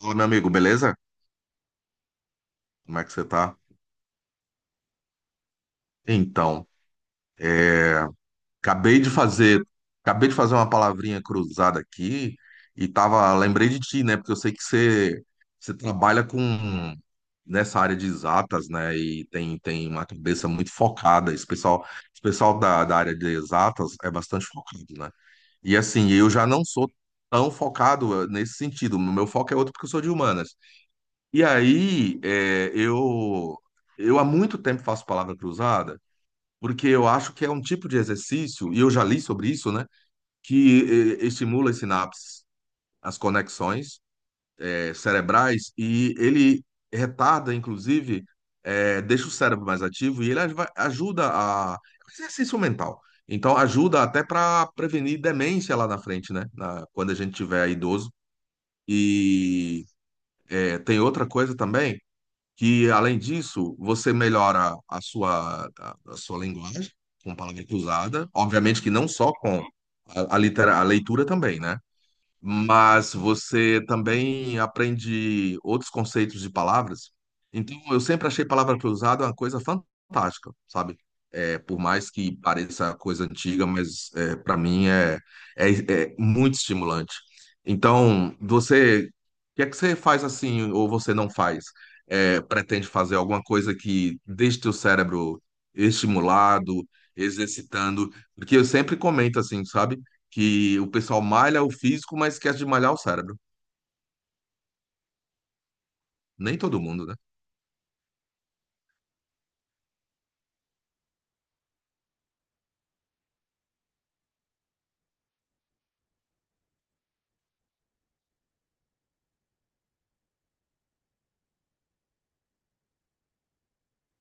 Ô, meu amigo, beleza? Como é que você tá? Então, acabei de fazer, acabei de fazer uma palavrinha cruzada aqui e tava, lembrei de ti, né? Porque eu sei que você trabalha com nessa área de exatas, né? E tem, tem uma cabeça muito focada. Esse pessoal da área de exatas é bastante focado, né? E assim, eu já não sou tão focado nesse sentido. O meu foco é outro porque eu sou de humanas. E aí, eu há muito tempo faço palavra cruzada. Porque eu acho que é um tipo de exercício, e eu já li sobre isso, né, que estimula as sinapses, as conexões cerebrais, e ele retarda, inclusive, deixa o cérebro mais ativo e ele ajuda a. É um Exercício mental. Então, ajuda até para prevenir demência lá na frente, né, quando a gente tiver idoso. E tem outra coisa também que, além disso, você melhora a a sua linguagem com palavra cruzada, obviamente que não só com a leitura também, né? Mas você também aprende outros conceitos de palavras. Então, eu sempre achei palavra cruzada uma coisa fantástica, sabe? É, por mais que pareça coisa antiga, mas é, para mim é, é, é muito estimulante. Então, o que é que você faz assim, ou você não faz? É, pretende fazer alguma coisa que deixe teu cérebro estimulado, exercitando? Porque eu sempre comento assim, sabe? Que o pessoal malha o físico, mas esquece de malhar o cérebro. Nem todo mundo, né?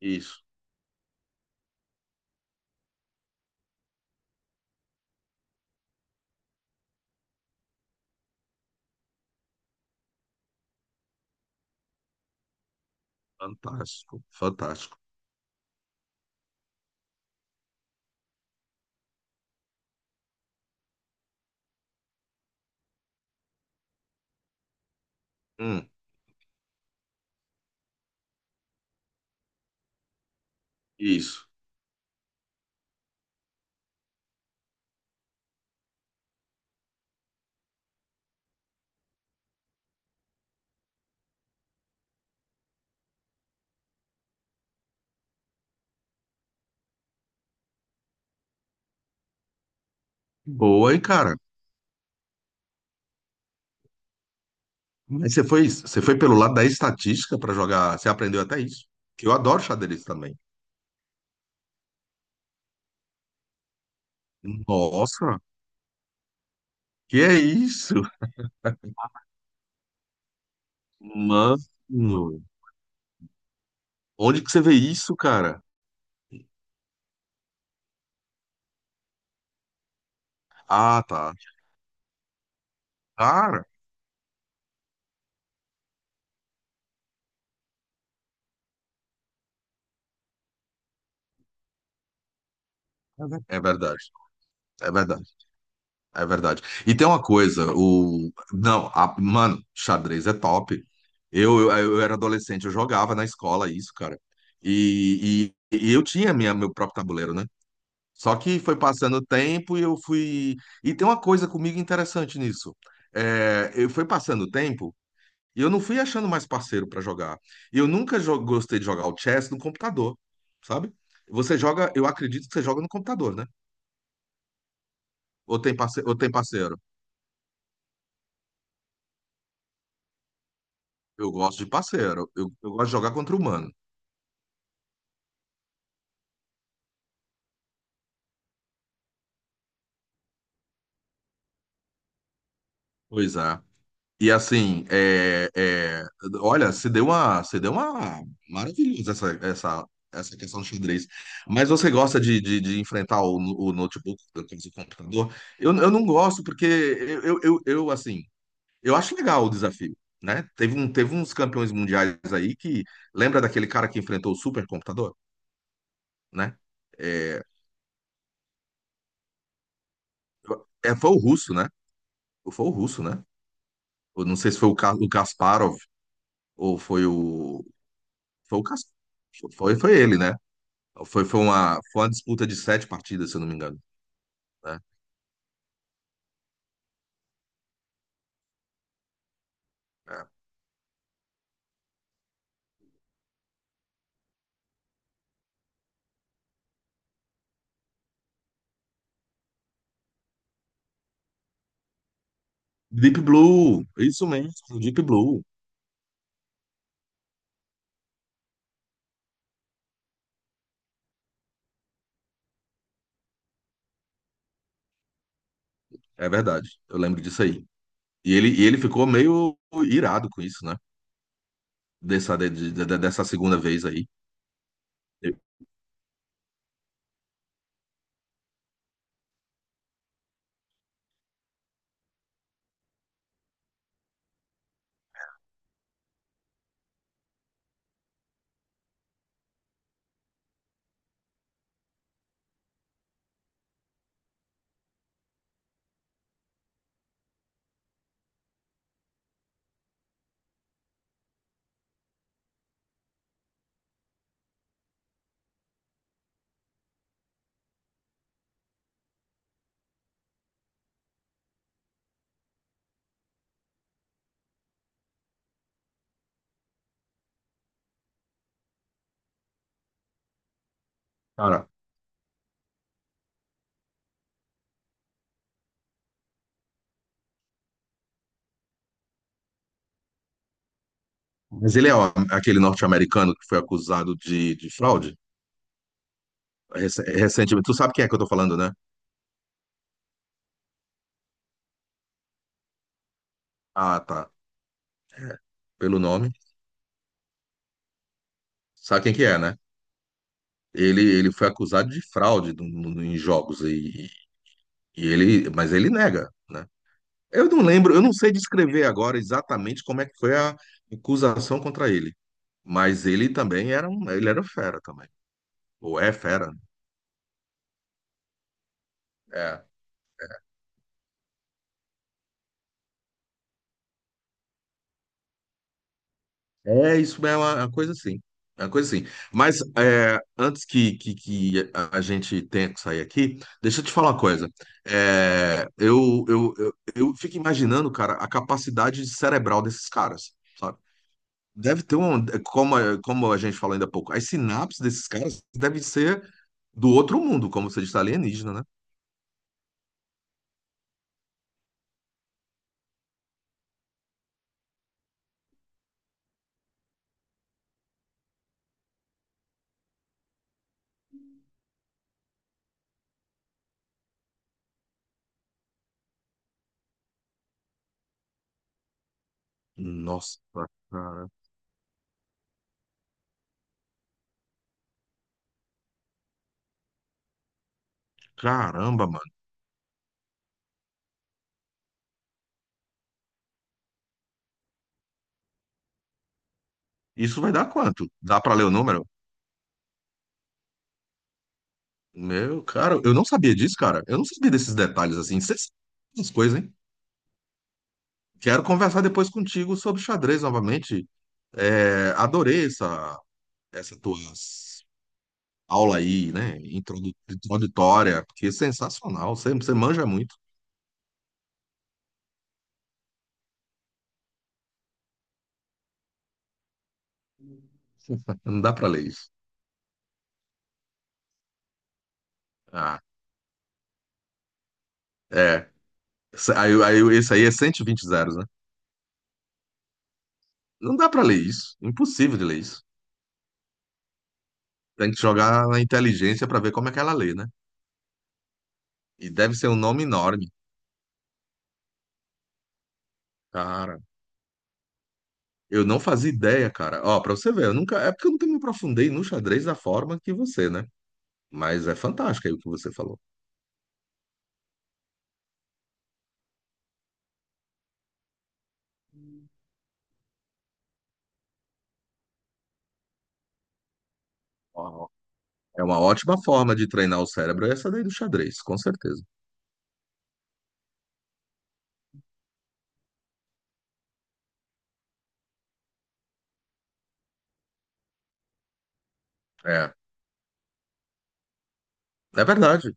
Isso. Fantástico, fantástico. Hum, isso. Boa, hein, cara? Mas você foi pelo lado da estatística para jogar, você aprendeu até isso. Que eu adoro xadrez também. Nossa, que é isso? Mano, onde que você vê isso, cara? Ah, tá. Cara, é verdade, é verdade. É verdade. E tem uma coisa, o. Não, mano, xadrez é top. Eu era adolescente, eu jogava na escola isso, cara. E, e eu tinha meu próprio tabuleiro, né? Só que foi passando o tempo e eu fui. E tem uma coisa comigo interessante nisso. É, eu fui passando o tempo e eu não fui achando mais parceiro pra jogar. E eu nunca gostei de jogar o chess no computador, sabe? Você joga, eu acredito que você joga no computador, né? Ou tem parceiro. Eu gosto de parceiro. Eu gosto de jogar contra o humano. Pois é. E assim, olha, se deu uma maravilhosa essa questão do xadrez. Mas você gosta de enfrentar o notebook, quer dizer, o computador? Eu não gosto porque assim, eu acho legal o desafio, né? Teve um, teve uns campeões mundiais aí que lembra daquele cara que enfrentou o supercomputador, né? É, é, foi o russo, né? Foi o russo, né? Eu não sei se foi o Kasparov ou foi foi o Cas- foi, foi ele, né? Foi uma disputa de sete partidas, se eu não me engano, né? É. Deep Blue, isso mesmo, Deep Blue, é verdade. Eu lembro disso aí. E ele ficou meio irado com isso, né? Dessa dessa segunda vez aí. Eu- Cara, mas ele é ó, aquele norte-americano que foi acusado de fraude recentemente. Tu sabe quem é que eu tô falando, né? Ah, tá. Pelo nome. Sabe quem que é, né? Ele foi acusado de fraude em jogos aí. E ele, mas ele nega, né? Eu não lembro, eu não sei descrever agora exatamente como é que foi a acusação contra ele, mas ele também era um, ele era fera também, ou é fera, né? É. É, isso é uma coisa assim, é uma coisa assim. Mas é, antes que a gente tenha que sair aqui, deixa eu te falar uma coisa. É, eu fico imaginando, cara, a capacidade cerebral desses caras, sabe? Deve ter um, como, como a gente falou ainda há pouco, as sinapses desses caras devem ser do outro mundo, como você disse, alienígena, né? Nossa, cara. Caramba, mano. Isso vai dar quanto? Dá pra ler o número? Meu, cara, eu não sabia disso, cara. Eu não sabia desses detalhes assim. Cê sabe essas coisas, hein? Quero conversar depois contigo sobre xadrez novamente. É, adorei essa tua aula aí, né? Introdutória, porque é sensacional. Você manja muito. Não dá pra ler isso. Ah, é. Essa- esse aí é 120 zeros, né? Não dá pra ler isso. Impossível de ler isso. Tem que jogar na inteligência pra ver como é que ela lê, né? E deve ser um nome enorme. Cara, eu não fazia ideia, cara. Ó, pra você ver, eu nunca. É porque eu nunca me aprofundei no xadrez da forma que você, né? Mas é fantástico aí o que você falou. Ó, é uma ótima forma de treinar o cérebro, é essa daí do xadrez, com certeza. É. É verdade.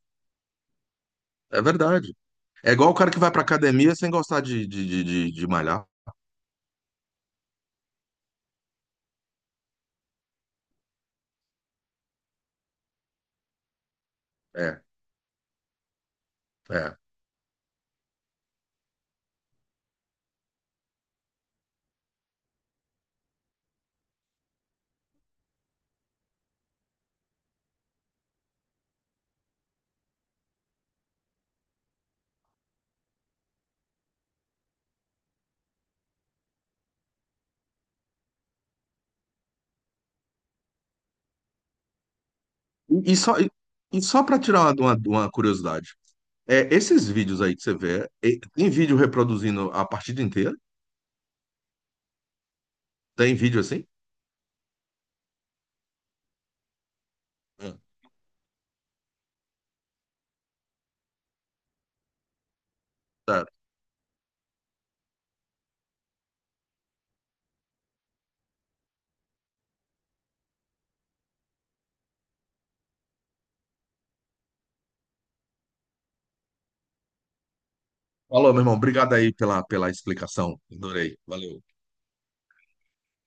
É verdade. É igual o cara que vai pra academia sem gostar de malhar. É. É. E e só, e e só para tirar uma, de uma curiosidade, é, esses vídeos aí que você vê, é, tem vídeo reproduzindo a partida inteira? Tem vídeo assim? Hum, Certo. Falou, meu irmão. Obrigado aí pela, pela explicação. Adorei. Valeu.